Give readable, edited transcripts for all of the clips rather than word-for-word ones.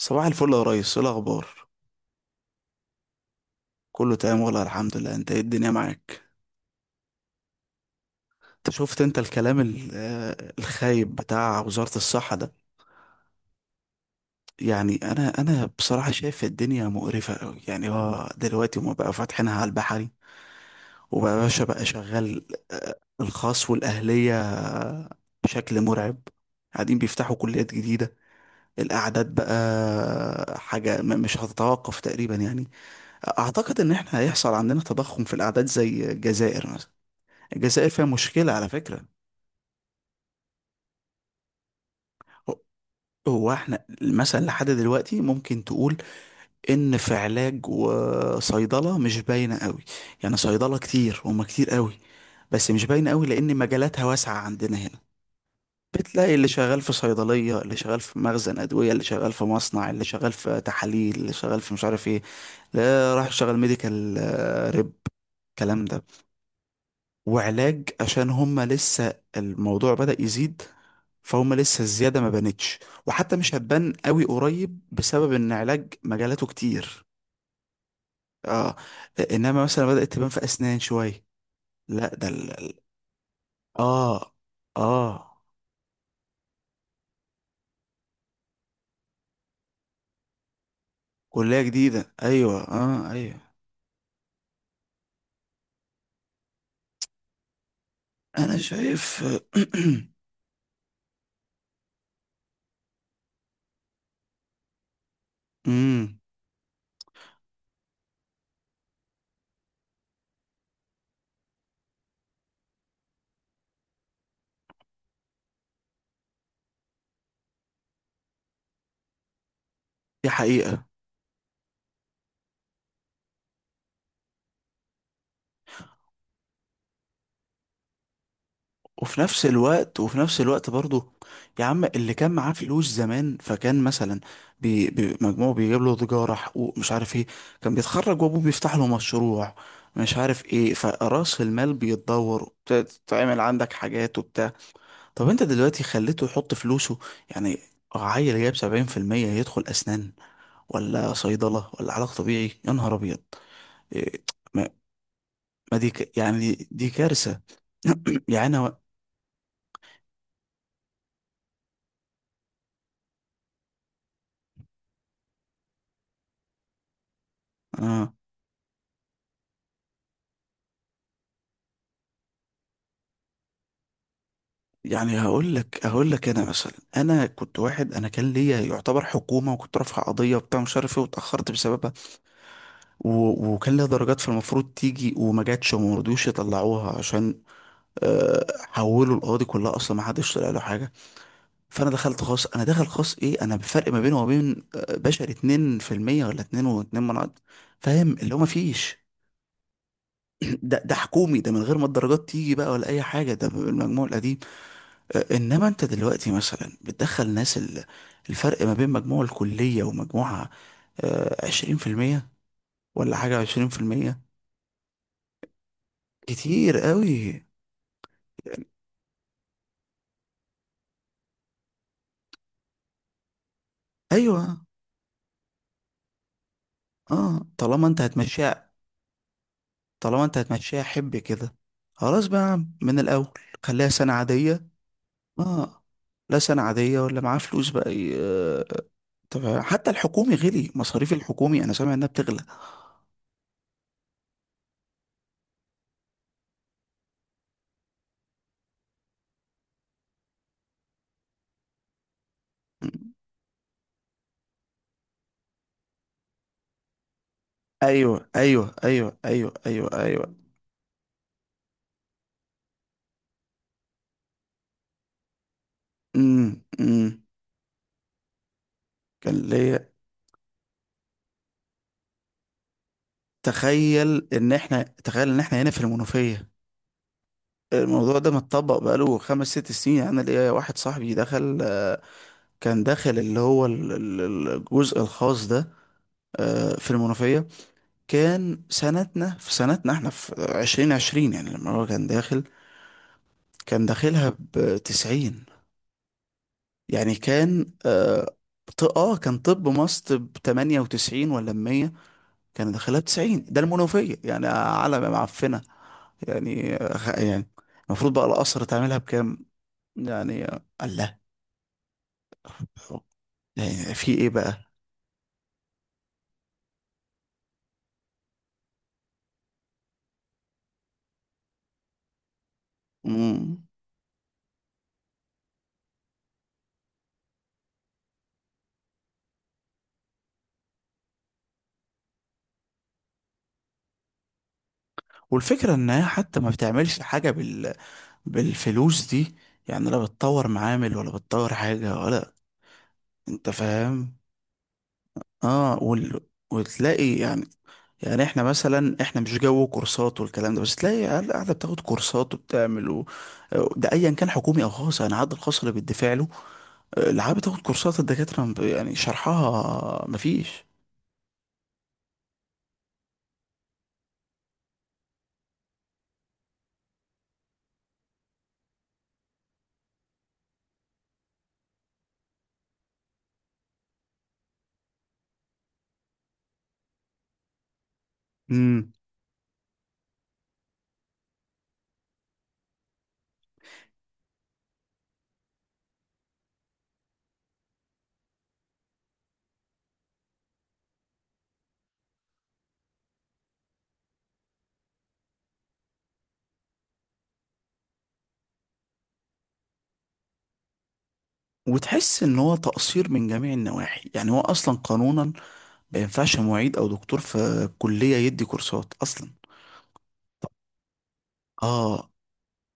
صباح الفل يا ريس، ايه الاخبار؟ كله تمام والله، الحمد لله. انت ايه، الدنيا معاك؟ انت شفت، انت الكلام الخايب بتاع وزارة الصحة ده. يعني انا بصراحة شايف الدنيا مقرفة قوي. يعني هو دلوقتي هما بقى فاتحينها على البحري، وبقى باشا بقى شغال. آه، الخاص والاهلية بشكل مرعب، قاعدين بيفتحوا كليات جديدة. الاعداد بقى حاجة مش هتتوقف تقريبا، يعني اعتقد ان احنا هيحصل عندنا تضخم في الاعداد زي الجزائر مثلا. الجزائر فيها مشكلة على فكرة. هو هو احنا مثلا لحد دلوقتي ممكن تقول ان في علاج وصيدلة مش باينة قوي. يعني صيدلة كتير، هما كتير قوي بس مش باينة قوي لان مجالاتها واسعة عندنا هنا. بتلاقي اللي شغال في صيدلية، اللي شغال في مخزن أدوية، اللي شغال في مصنع، اللي شغال في تحاليل، اللي شغال في مش عارف ايه. لا، راح يشتغل ميديكال ريب الكلام ده. وعلاج عشان هم لسه الموضوع بدأ يزيد، فهم لسه الزيادة ما بانتش. وحتى مش هتبان قوي قريب بسبب ان علاج مجالاته كتير. اه. انما مثلا بدأت تبان في اسنان شوية. لا، ده اه. اه. كلية جديدة، ايوه، اه ايوه. انا شايف امم. دي حقيقة. وفي نفس الوقت، وفي نفس الوقت برضه، يا عم اللي كان معاه فلوس زمان فكان مثلا بي مجموعه بيجيب له تجارة حقوق مش عارف ايه. كان بيتخرج وابوه بيفتح له مشروع مش عارف ايه، فرأس المال بيتدور تعمل عندك حاجات وبتاع. طب انت دلوقتي خليته يحط فلوسه، يعني عيل جايب 70% يدخل أسنان ولا صيدلة ولا علاج طبيعي؟ يا نهار أبيض! إيه، ما ما دي يعني دي كارثة. يعني أنا- آه. يعني هقول لك انا مثلا. انا كنت واحد، انا كان ليا يعتبر حكومه، وكنت رافع قضيه وبتاع مش عارف ايه، واتاخرت بسببها و... وكان ليا درجات في المفروض تيجي وما جاتش وما رضيوش يطلعوها عشان حولوا القاضي كلها، اصلا ما حدش طلع له حاجه. فانا دخلت خاص، انا داخل خاص ايه. انا بفرق ما بينه وما بين بشري 2% ولا 2 و2 من 10، فاهم اللي هو ما فيش. ده، ده حكومي، ده من غير ما الدرجات تيجي بقى ولا اي حاجه، ده بالمجموع القديم. انما انت دلوقتي مثلا بتدخل ناس الفرق ما بين مجموع الكلية ومجموعها 20%، ولا حاجة 20%. كتير قوي. ايوه. اه، طالما انت هتمشيها. طالما انت هتمشيها حب كده، خلاص بقى يا عم، من الاول خليها سنة عادية. اه. لا سنة عادية ولا معاه فلوس بقى. طب حتى الحكومي، غلي مصاريف الحكومي، انا سامع انها بتغلى. ايوه ايوه ايوه ايوه ايوه ايوه ايوه. امم. كان ليا، تخيل ان احنا، تخيل ان احنا هنا في المنوفية، الموضوع ده متطبق بقاله خمس ست سنين. يعني انا ليا واحد صاحبي دخل. كان داخل اللي هو الجزء الخاص ده في المنوفية. كان سنتنا، في سنتنا احنا، في 2020. يعني لما هو كان داخل، كان داخلها بـ90. يعني كان اه كان طب مصر بـ98 ولا بـ100. كان داخلها بتسعين، ده المنوفية، يعني على ما معفنة. يعني يعني المفروض بقى الأسر تعملها بكام؟ يعني الله. يعني في ايه بقى؟ مم. والفكرة انها حتى ما بتعملش حاجة بالفلوس دي. يعني لا بتطور معامل ولا بتطور حاجة ولا. انت فاهم. اه. وتلاقي يعني، يعني احنا مثلا احنا مش جو كورسات والكلام ده، بس تلاقي عيال قاعدة بتاخد كورسات وبتعمل. ده ايا كان حكومي او خاص، يعني عاد الخاص اللي بيدفع له العاب بتاخد كورسات، الدكاترة يعني شرحها مفيش. امم. وتحس ان هو تقصير من جميع النواحي. يعني هو اصلا قانونا ما ينفعش معيد او دكتور في كلية يدي كورسات اصلا. اه،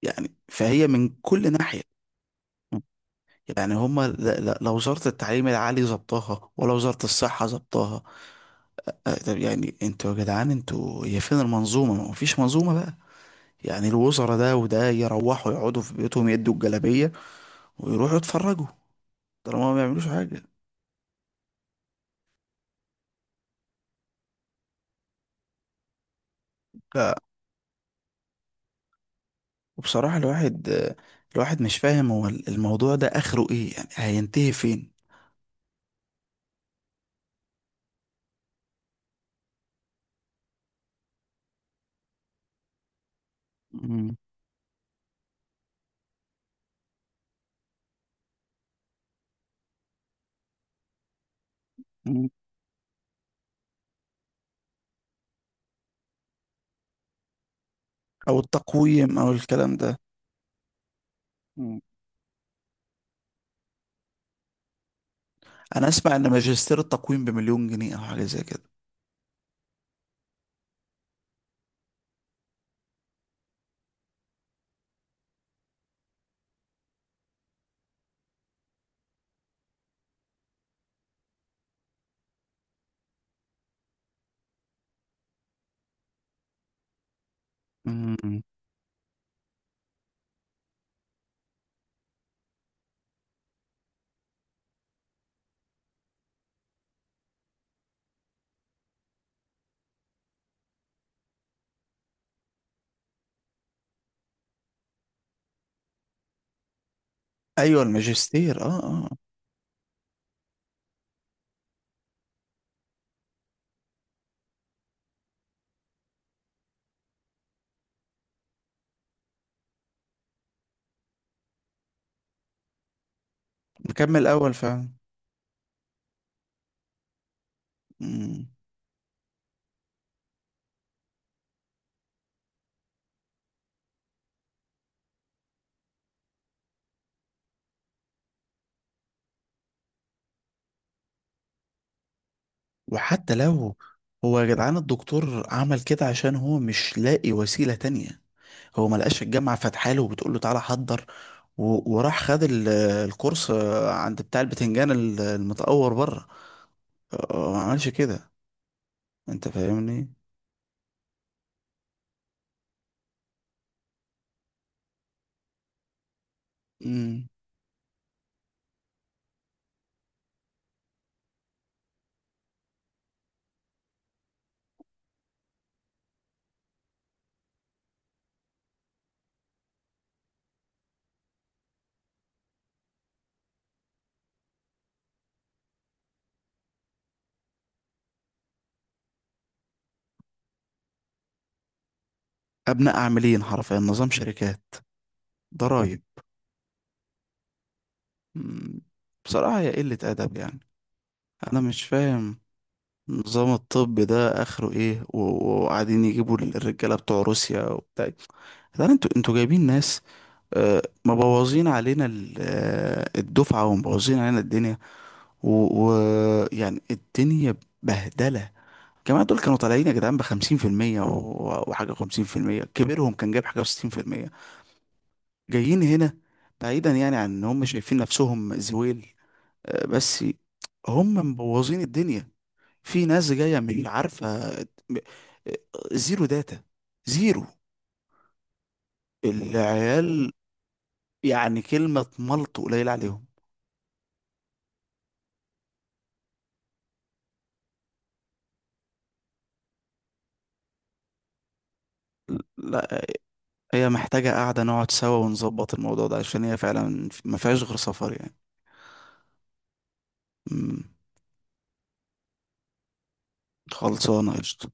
يعني فهي من كل ناحية. يعني هما، لا لا لا وزارة التعليم العالي ظبطها ولا وزارة الصحة ظبطها. طب يعني انتوا يا جدعان، انتوا هي فين المنظومة؟ ما فيش منظومة بقى. يعني الوزراء ده وده يروحوا يقعدوا في بيوتهم يدوا الجلابية ويروحوا يتفرجوا، طالما ما بيعملوش حاجة. وبصراحة الواحد، الواحد مش فاهم هو الموضوع ده آخره إيه، يعني هينتهي فين. مم. مم. أو التقويم أو الكلام ده. مم. أنا أسمع إن ماجستير التقويم بمليون جنيه أو حاجة زي كده. مم. أيوة الماجستير، أه أه. مكمل أول فعلا. مم. وحتى لو، هو يا جدعان الدكتور عمل كده عشان هو مش لاقي وسيلة تانية. هو ما لقاش الجامعة فاتحه له وبتقول له تعالى حضر، وراح خد الكورس عند بتاع البتنجان المتأور بره. ما عملش كده، انت فاهمني. مم. ابناء عاملين حرفيا نظام شركات، ضرايب. مم. بصراحة هي قلة ادب يعني. انا مش فاهم النظام الطبي ده اخره ايه، وقاعدين يجيبوا الرجاله بتوع روسيا وبتاع. يعني انتوا جايبين ناس مبوظين علينا الدفعه، ومبوظين علينا الدنيا. ويعني الدنيا بهدله. كمان دول كانوا طالعين يا جدعان بـ50% وحاجة 50%. كبيرهم كان جايب حاجة و60%، جايين هنا. بعيدا يعني عن ان هم شايفين نفسهم زويل بس. هم مبوظين الدنيا. في ناس جاية مش عارفة، زيرو داتا، زيرو. العيال، يعني كلمة ملط قليل عليهم. لا، هي محتاجة قاعدة نقعد سوا ونظبط الموضوع ده، عشان هي فعلا ما فيهاش غير سفر يعني. أمم، خلصانة قشطة.